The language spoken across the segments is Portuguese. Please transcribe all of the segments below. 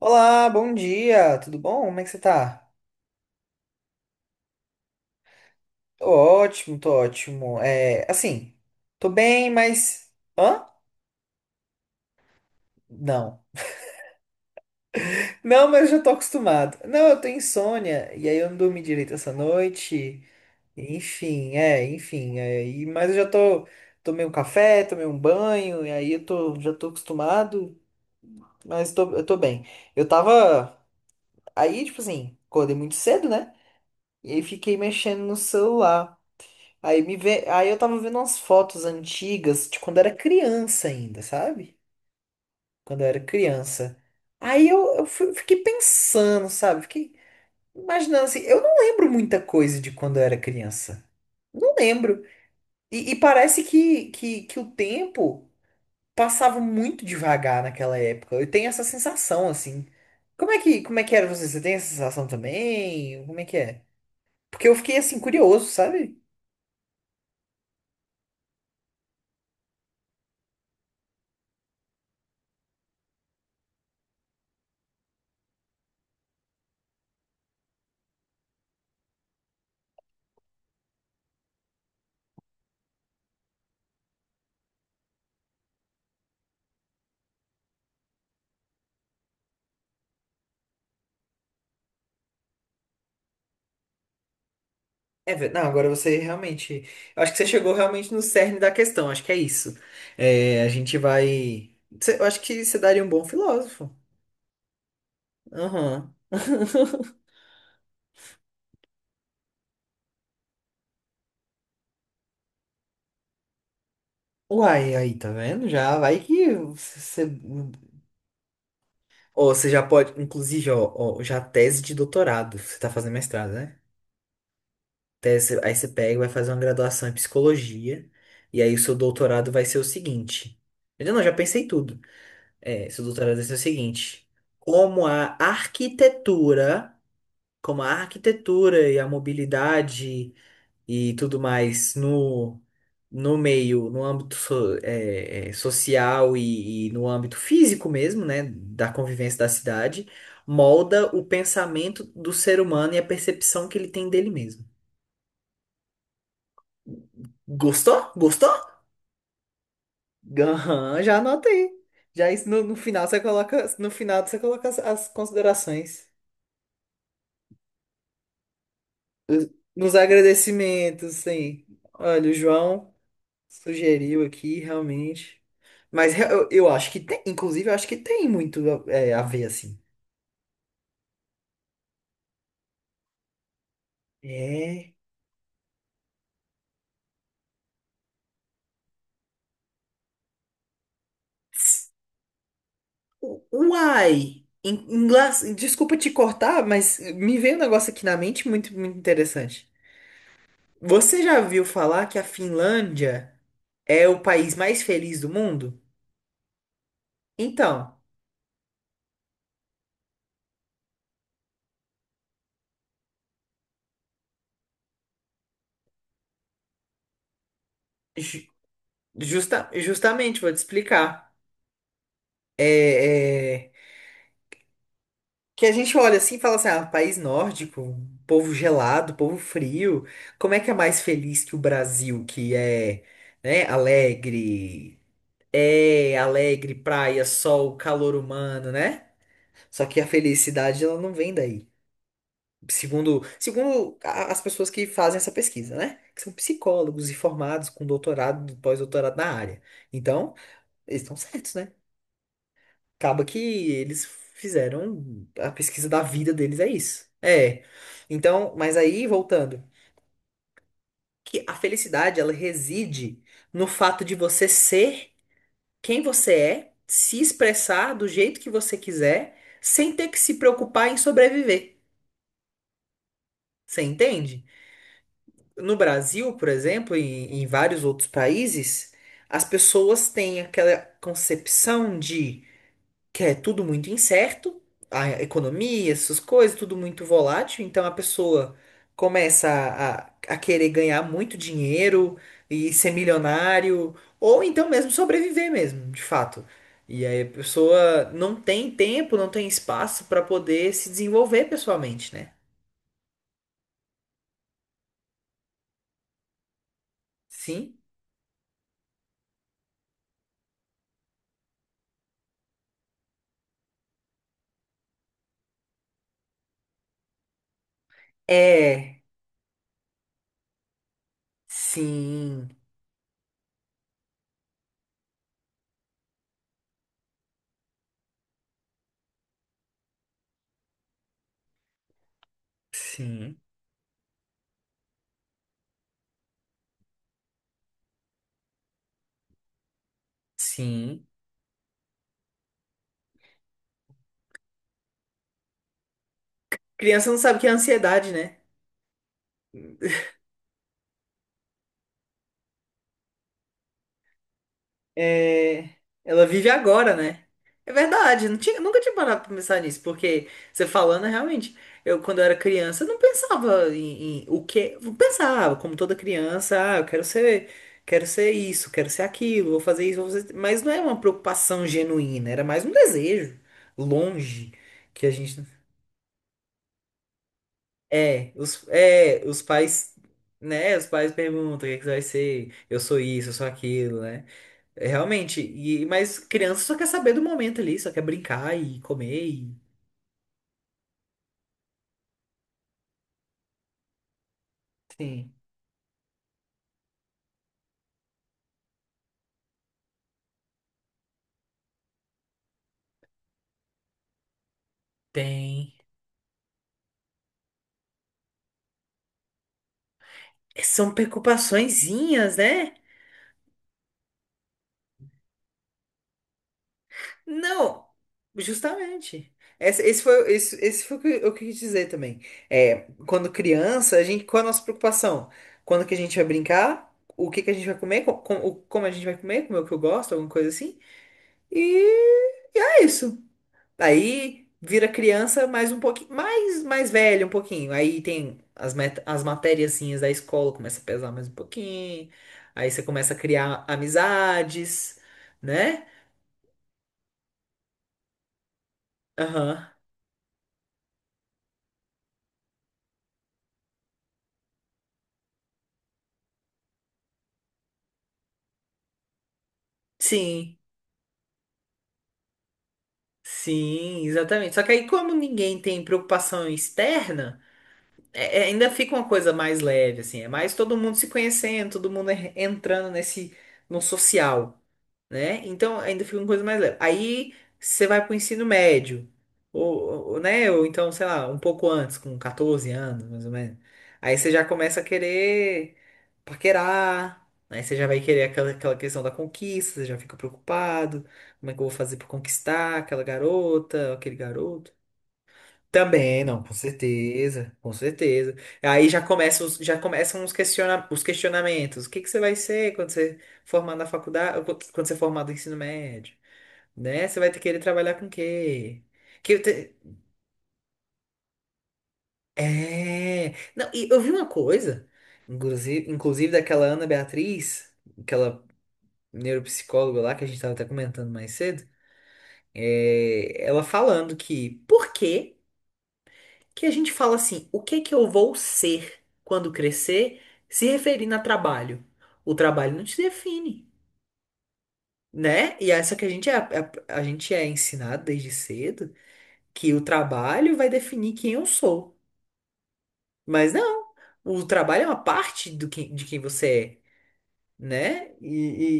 Olá, bom dia, tudo bom? Como é que você tá? Tô ótimo, tô ótimo. É, assim, tô bem, mas. Hã? Não. Não, mas eu já tô acostumado. Não, eu tô insônia, e aí eu não dormi direito essa noite. Enfim, enfim. Mas eu já tô. Tomei um café, tomei um banho, e aí eu tô, já tô acostumado, mas tô, eu tô bem. Eu tava. Aí, tipo assim, acordei muito cedo, né? E aí fiquei mexendo no celular. Aí me vê, aí eu tava vendo umas fotos antigas de quando era criança ainda, sabe? Quando eu era criança. Aí eu fui- Fiquei pensando, sabe? Fiquei imaginando assim, eu não lembro muita coisa de quando eu era criança. Não lembro. E, parece que o tempo passava muito devagar naquela época. Eu tenho essa sensação, assim. Como é que era você? Você tem essa sensação também? Como é que é? Porque eu fiquei assim, curioso, sabe? Não, agora você realmente. Eu acho que você chegou realmente no cerne da questão, acho que é isso. É, a gente vai. Eu acho que você daria um bom filósofo. Aham. Uai, aí, tá vendo? Já vai que você. Ou você já pode. Inclusive, ó, ó, já tese de doutorado. Você tá fazendo mestrado, né? Tese, aí você pega e vai fazer uma graduação em psicologia. E aí o seu doutorado vai ser o seguinte. Eu não, já pensei tudo. É, seu doutorado vai ser o seguinte: como a arquitetura, como a arquitetura e a mobilidade e tudo mais no, no âmbito social e no âmbito físico mesmo, né, da convivência da cidade, molda o pensamento do ser humano e a percepção que ele tem dele mesmo. Gostou? Gostou? Aham, já anotei. Já isso no, no final você coloca, no final você coloca as considerações. Nos agradecimentos, sim. Olha, o João sugeriu aqui, realmente. Eu acho que tem, inclusive, eu acho que tem muito é, a ver, assim. É. Uai! Em inglês, desculpa te cortar, mas me veio um negócio aqui na mente muito, muito interessante. Você já viu falar que a Finlândia é o país mais feliz do mundo? Então, ju- justamente, vou te explicar. É. é, Que a gente olha assim e fala assim, ah, país nórdico, povo gelado, povo frio, como é que é mais feliz que o Brasil, que é, né, alegre, é alegre, praia, sol, calor humano, né? Só que a felicidade, ela não vem daí. Segundo as pessoas que fazem essa pesquisa, né? Que são psicólogos e formados com doutorado, pós-doutorado na área. Então, eles estão certos, né? Acaba que eles fizeram a pesquisa da vida deles é isso. É. Então, mas aí voltando, que a felicidade ela reside no fato de você ser quem você é, se expressar do jeito que você quiser, sem ter que se preocupar em sobreviver. Você entende? No Brasil, por exemplo, e em vários outros países, as pessoas têm aquela concepção de que é tudo muito incerto, a economia, essas coisas, tudo muito volátil. Então a pessoa começa a querer ganhar muito dinheiro e ser milionário, ou então mesmo sobreviver mesmo, de fato. E aí a pessoa não tem tempo, não tem espaço para poder se desenvolver pessoalmente, né? Sim. É. Sim. Sim. Sim. Criança não sabe o que é ansiedade, né? É, ela vive agora, né? É verdade, nunca tinha parado pra pensar nisso, porque você falando, realmente, eu quando eu era criança, eu não pensava em o que. Eu pensava, como toda criança, ah, eu quero ser isso, quero ser aquilo, vou fazer isso, vou fazer... Mas não é uma preocupação genuína, era mais um desejo longe que a gente. Os pais, né? Os pais perguntam o que é que você vai ser, eu sou isso, eu sou aquilo, né? É, realmente, e, mas criança só quer saber do momento ali, só quer brincar e comer e Sim. tem. É, são preocupaçõezinhas, né? Não, justamente. Esse foi o que eu quis dizer também. É, quando criança, a gente, qual é a nossa preocupação? Quando que a gente vai brincar? O que que a gente vai comer? Como a gente vai comer? Comer o que eu gosto, alguma coisa assim? E, e é isso. Aí vira criança mais um pouquinho, mais velho um pouquinho. Aí tem as matériazinhas da escola, começa a pesar mais um pouquinho. Aí você começa a criar amizades, né? Aham. Sim, sim, exatamente. Só que aí, como ninguém tem preocupação externa, ainda fica uma coisa mais leve, assim. É mais todo mundo se conhecendo, todo mundo entrando nesse, no social. Né? Então ainda fica uma coisa mais leve. Aí você vai para o ensino médio, ou, né? Ou então, sei lá, um pouco antes, com 14 anos, mais ou menos. Aí você já começa a querer paquerar, aí você já vai querer aquela questão da conquista, você já fica preocupado, como é que eu vou fazer para conquistar aquela garota, aquele garoto? Também, não, com certeza, com certeza. Aí já começam os questionamentos. O que que você vai ser quando você formar na faculdade, quando você formar do ensino médio, né? Você vai ter que querer trabalhar com o quê? Que eu te- É. Não, e eu vi uma coisa, inclusive daquela Ana Beatriz, aquela neuropsicóloga lá que a gente tava até comentando mais cedo, é, ela falando que por quê? Que a gente fala assim, o que que eu vou ser quando crescer, se referindo a trabalho? O trabalho não te define, né? E essa que a gente é ensinado desde cedo que o trabalho vai definir quem eu sou. Mas não, o trabalho é uma parte de quem você é. Né? E,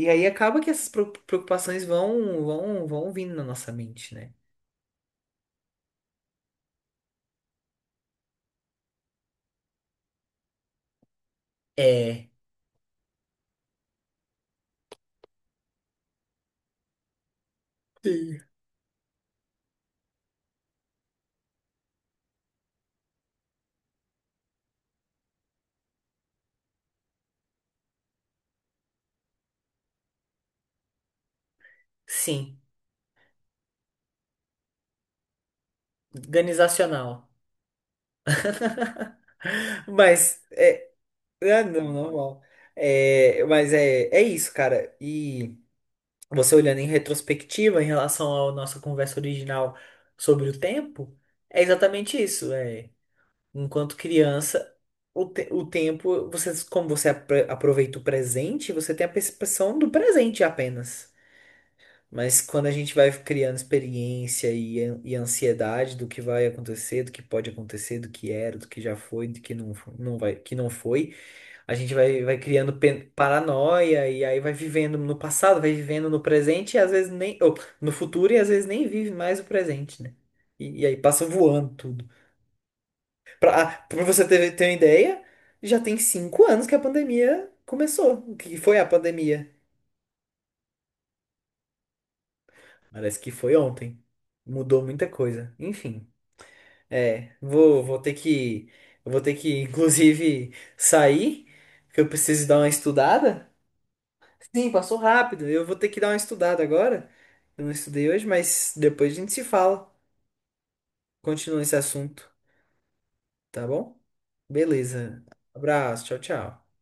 e- E aí acaba que essas preocupações vão vindo na nossa mente, né? É. Sim. Sim, organizacional. Mas Ah, não, normal. É, é isso, cara. E você olhando em retrospectiva em relação à nossa conversa original sobre o tempo, é exatamente isso. É, enquanto criança, o tempo, você, como você aproveita o presente, você tem a percepção do presente apenas. Mas quando a gente vai criando experiência e ansiedade do que vai acontecer, do que pode acontecer, do que era, do que já foi, do que não, fo- não vai, que não foi. A gente vai, vai criando paranoia e aí vai vivendo no passado, vai vivendo no presente e às vezes nem. Ou, no futuro e às vezes nem vive mais o presente, né? E aí passa voando tudo. Pra você ter, ter uma ideia, já tem 5 anos que a pandemia começou. O que foi a pandemia? Parece que foi ontem. Mudou muita coisa. Enfim, é. Vou ter que. Eu vou ter que, inclusive, sair, porque eu preciso dar uma estudada. Sim, passou rápido. Eu vou ter que dar uma estudada agora. Eu não estudei hoje, mas depois a gente se fala. Continua esse assunto, tá bom? Beleza. Abraço, tchau, tchau.